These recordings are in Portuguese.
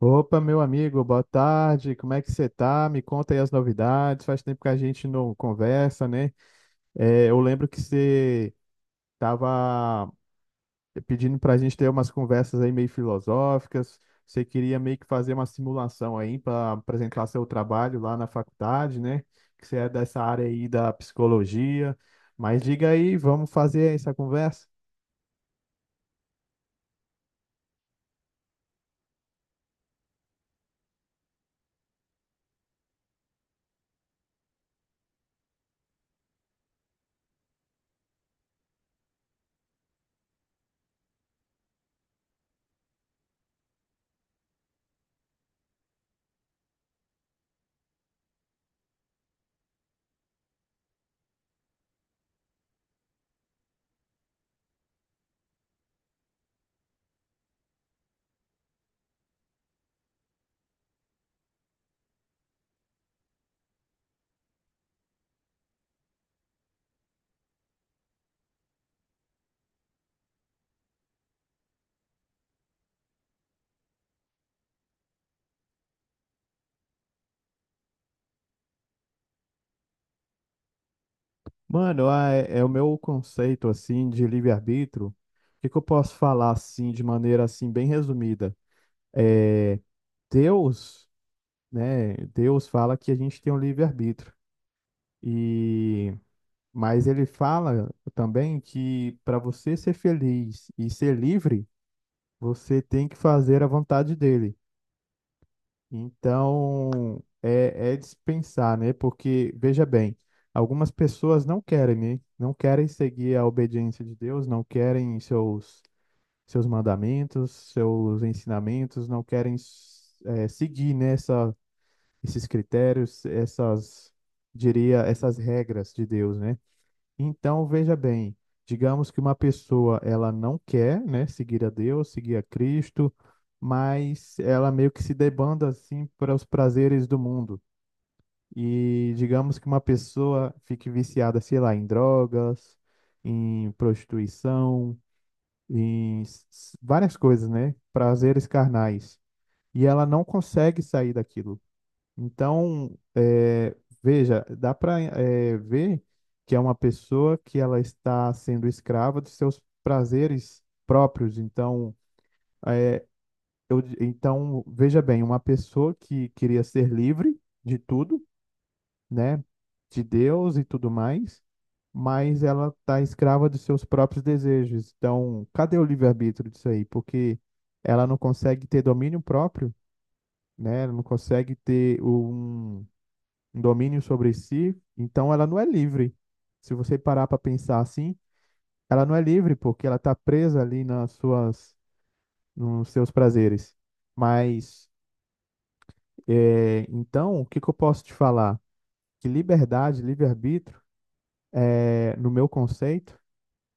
Opa, meu amigo, boa tarde. Como é que você tá? Me conta aí as novidades. Faz tempo que a gente não conversa, né? É, eu lembro que você tava pedindo pra gente ter umas conversas aí meio filosóficas. Você queria meio que fazer uma simulação aí para apresentar seu trabalho lá na faculdade, né? Que você é dessa área aí da psicologia. Mas diga aí, vamos fazer essa conversa? Mano, é o meu conceito assim de livre-arbítrio. O que que eu posso falar assim de maneira assim bem resumida? É, Deus, né? Deus fala que a gente tem um livre-arbítrio. E mas ele fala também que para você ser feliz e ser livre, você tem que fazer a vontade dele. Então, é dispensar, né? Porque, veja bem, algumas pessoas não querem, né? Não querem seguir a obediência de Deus, não querem seus mandamentos, seus ensinamentos, não querem seguir, né, esses critérios, essas, diria, essas regras de Deus, né? Então, veja bem, digamos que uma pessoa ela não quer, né, seguir a Deus, seguir a Cristo, mas ela meio que se debanda assim para os prazeres do mundo. E digamos que uma pessoa fique viciada, sei lá, em drogas, em prostituição, em s- várias coisas, né, prazeres carnais. E ela não consegue sair daquilo. Então, eh, veja, dá para ver que é uma pessoa que ela está sendo escrava dos seus prazeres próprios. Então, então veja bem, uma pessoa que queria ser livre de tudo, né, de Deus e tudo mais, mas ela está escrava dos seus próprios desejos. Então, cadê o livre-arbítrio disso aí? Porque ela não consegue ter domínio próprio, né? Ela não consegue ter um domínio sobre si, então ela não é livre. Se você parar para pensar assim, ela não é livre porque ela está presa ali nas suas, nos seus prazeres. Mas é, então, o que que eu posso te falar? Que liberdade, livre-arbítrio, no meu conceito,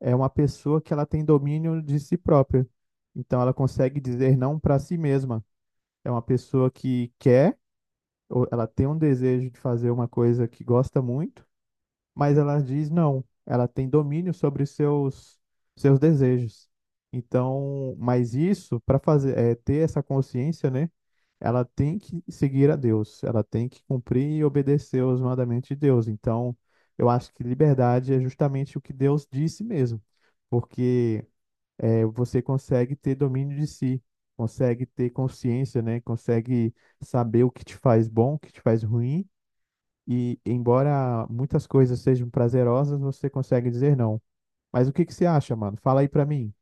é uma pessoa que ela tem domínio de si própria. Então, ela consegue dizer não para si mesma. É uma pessoa que quer, ou ela tem um desejo de fazer uma coisa que gosta muito. Mas ela diz não, ela tem domínio sobre os seus seus desejos. Então, mas isso para fazer ter essa consciência, né? Ela tem que seguir a Deus, ela tem que cumprir e obedecer os mandamentos de Deus. Então, eu acho que liberdade é justamente o que Deus disse mesmo, porque você consegue ter domínio de si, consegue ter consciência, né? Consegue saber o que te faz bom, o que te faz ruim, e embora muitas coisas sejam prazerosas, você consegue dizer não. Mas o que que você acha, mano? Fala aí pra mim.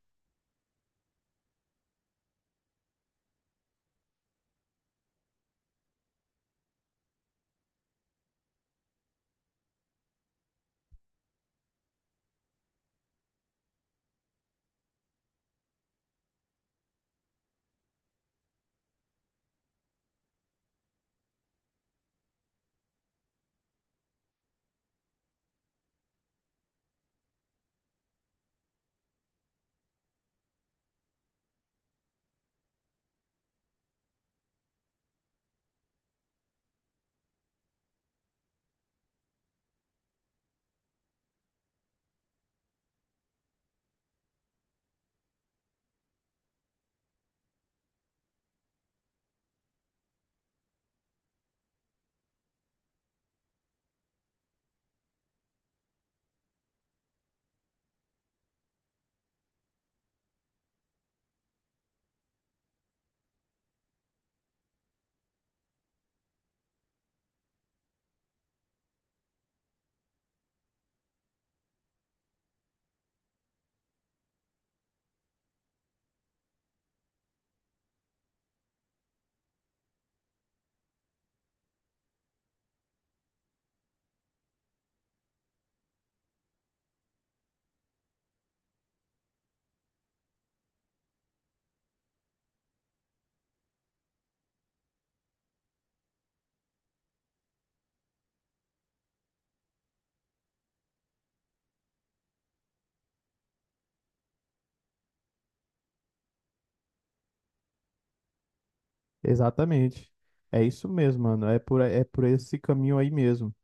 Exatamente. É isso mesmo, mano. É por esse caminho aí mesmo.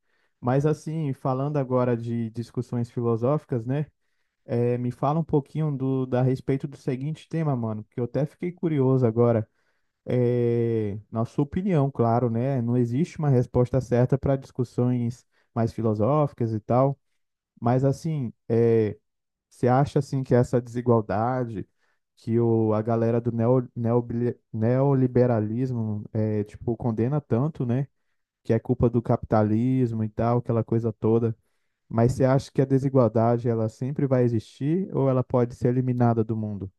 Mas assim, falando agora de discussões filosóficas, né? Me fala um pouquinho da respeito do seguinte tema, mano, que eu até fiquei curioso agora. É, na sua opinião, claro, né? Não existe uma resposta certa para discussões mais filosóficas e tal. Mas assim, é, você acha assim que essa desigualdade que a galera do neoliberalismo tipo condena tanto, né? Que é culpa do capitalismo e tal, aquela coisa toda. Mas você acha que a desigualdade ela sempre vai existir ou ela pode ser eliminada do mundo?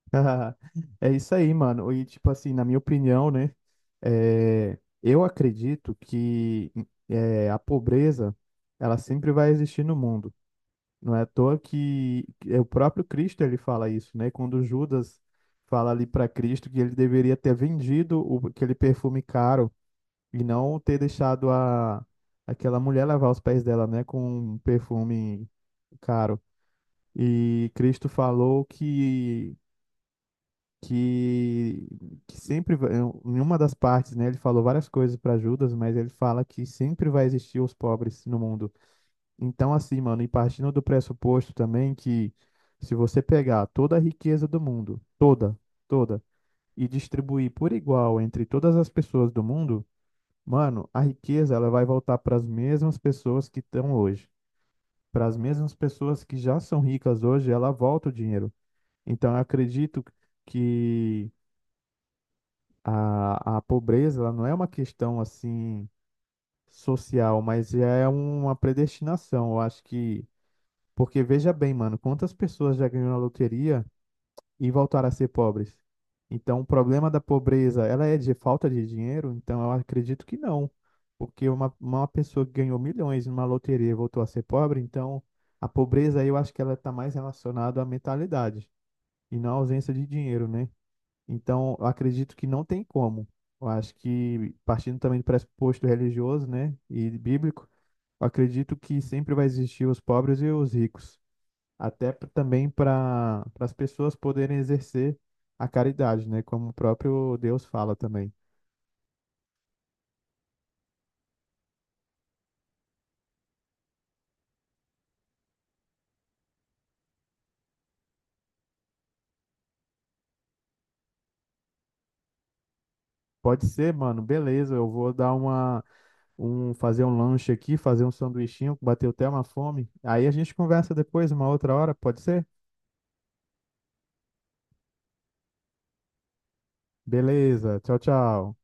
É isso aí, mano. E tipo assim, na minha opinião, né? É, eu acredito que a pobreza ela sempre vai existir no mundo. Não é à toa que é o próprio Cristo ele fala isso, né? Quando Judas fala ali para Cristo que ele deveria ter vendido aquele perfume caro e não ter deixado aquela mulher lavar os pés dela, né? Com um perfume caro. E Cristo falou que, que sempre em uma das partes, né? Ele falou várias coisas para Judas, mas ele fala que sempre vai existir os pobres no mundo. Então, assim, mano, e partindo do pressuposto também que se você pegar toda a riqueza do mundo, toda, e distribuir por igual entre todas as pessoas do mundo, mano, a riqueza ela vai voltar para as mesmas pessoas que estão hoje. Para as mesmas pessoas que já são ricas hoje, ela volta o dinheiro. Então, eu acredito que a pobreza ela não é uma questão assim social, mas é uma predestinação. Eu acho que, porque veja bem, mano, quantas pessoas já ganhou na loteria e voltaram a ser pobres? Então, o problema da pobreza, ela é de falta de dinheiro? Então, eu acredito que não. Porque uma pessoa que ganhou milhões numa loteria e voltou a ser pobre, então a pobreza aí eu acho que ela está mais relacionada à mentalidade e não à ausência de dinheiro, né? Então, eu acredito que não tem como. Eu acho que, partindo também do pressuposto religioso, né, e bíblico, eu acredito que sempre vai existir os pobres e os ricos até também para as pessoas poderem exercer a caridade, né? Como o próprio Deus fala também. Pode ser, mano, beleza, eu vou dar fazer um lanche aqui, fazer um sanduichinho, bateu até uma fome. Aí a gente conversa depois, uma outra hora, pode ser? Beleza, tchau, tchau.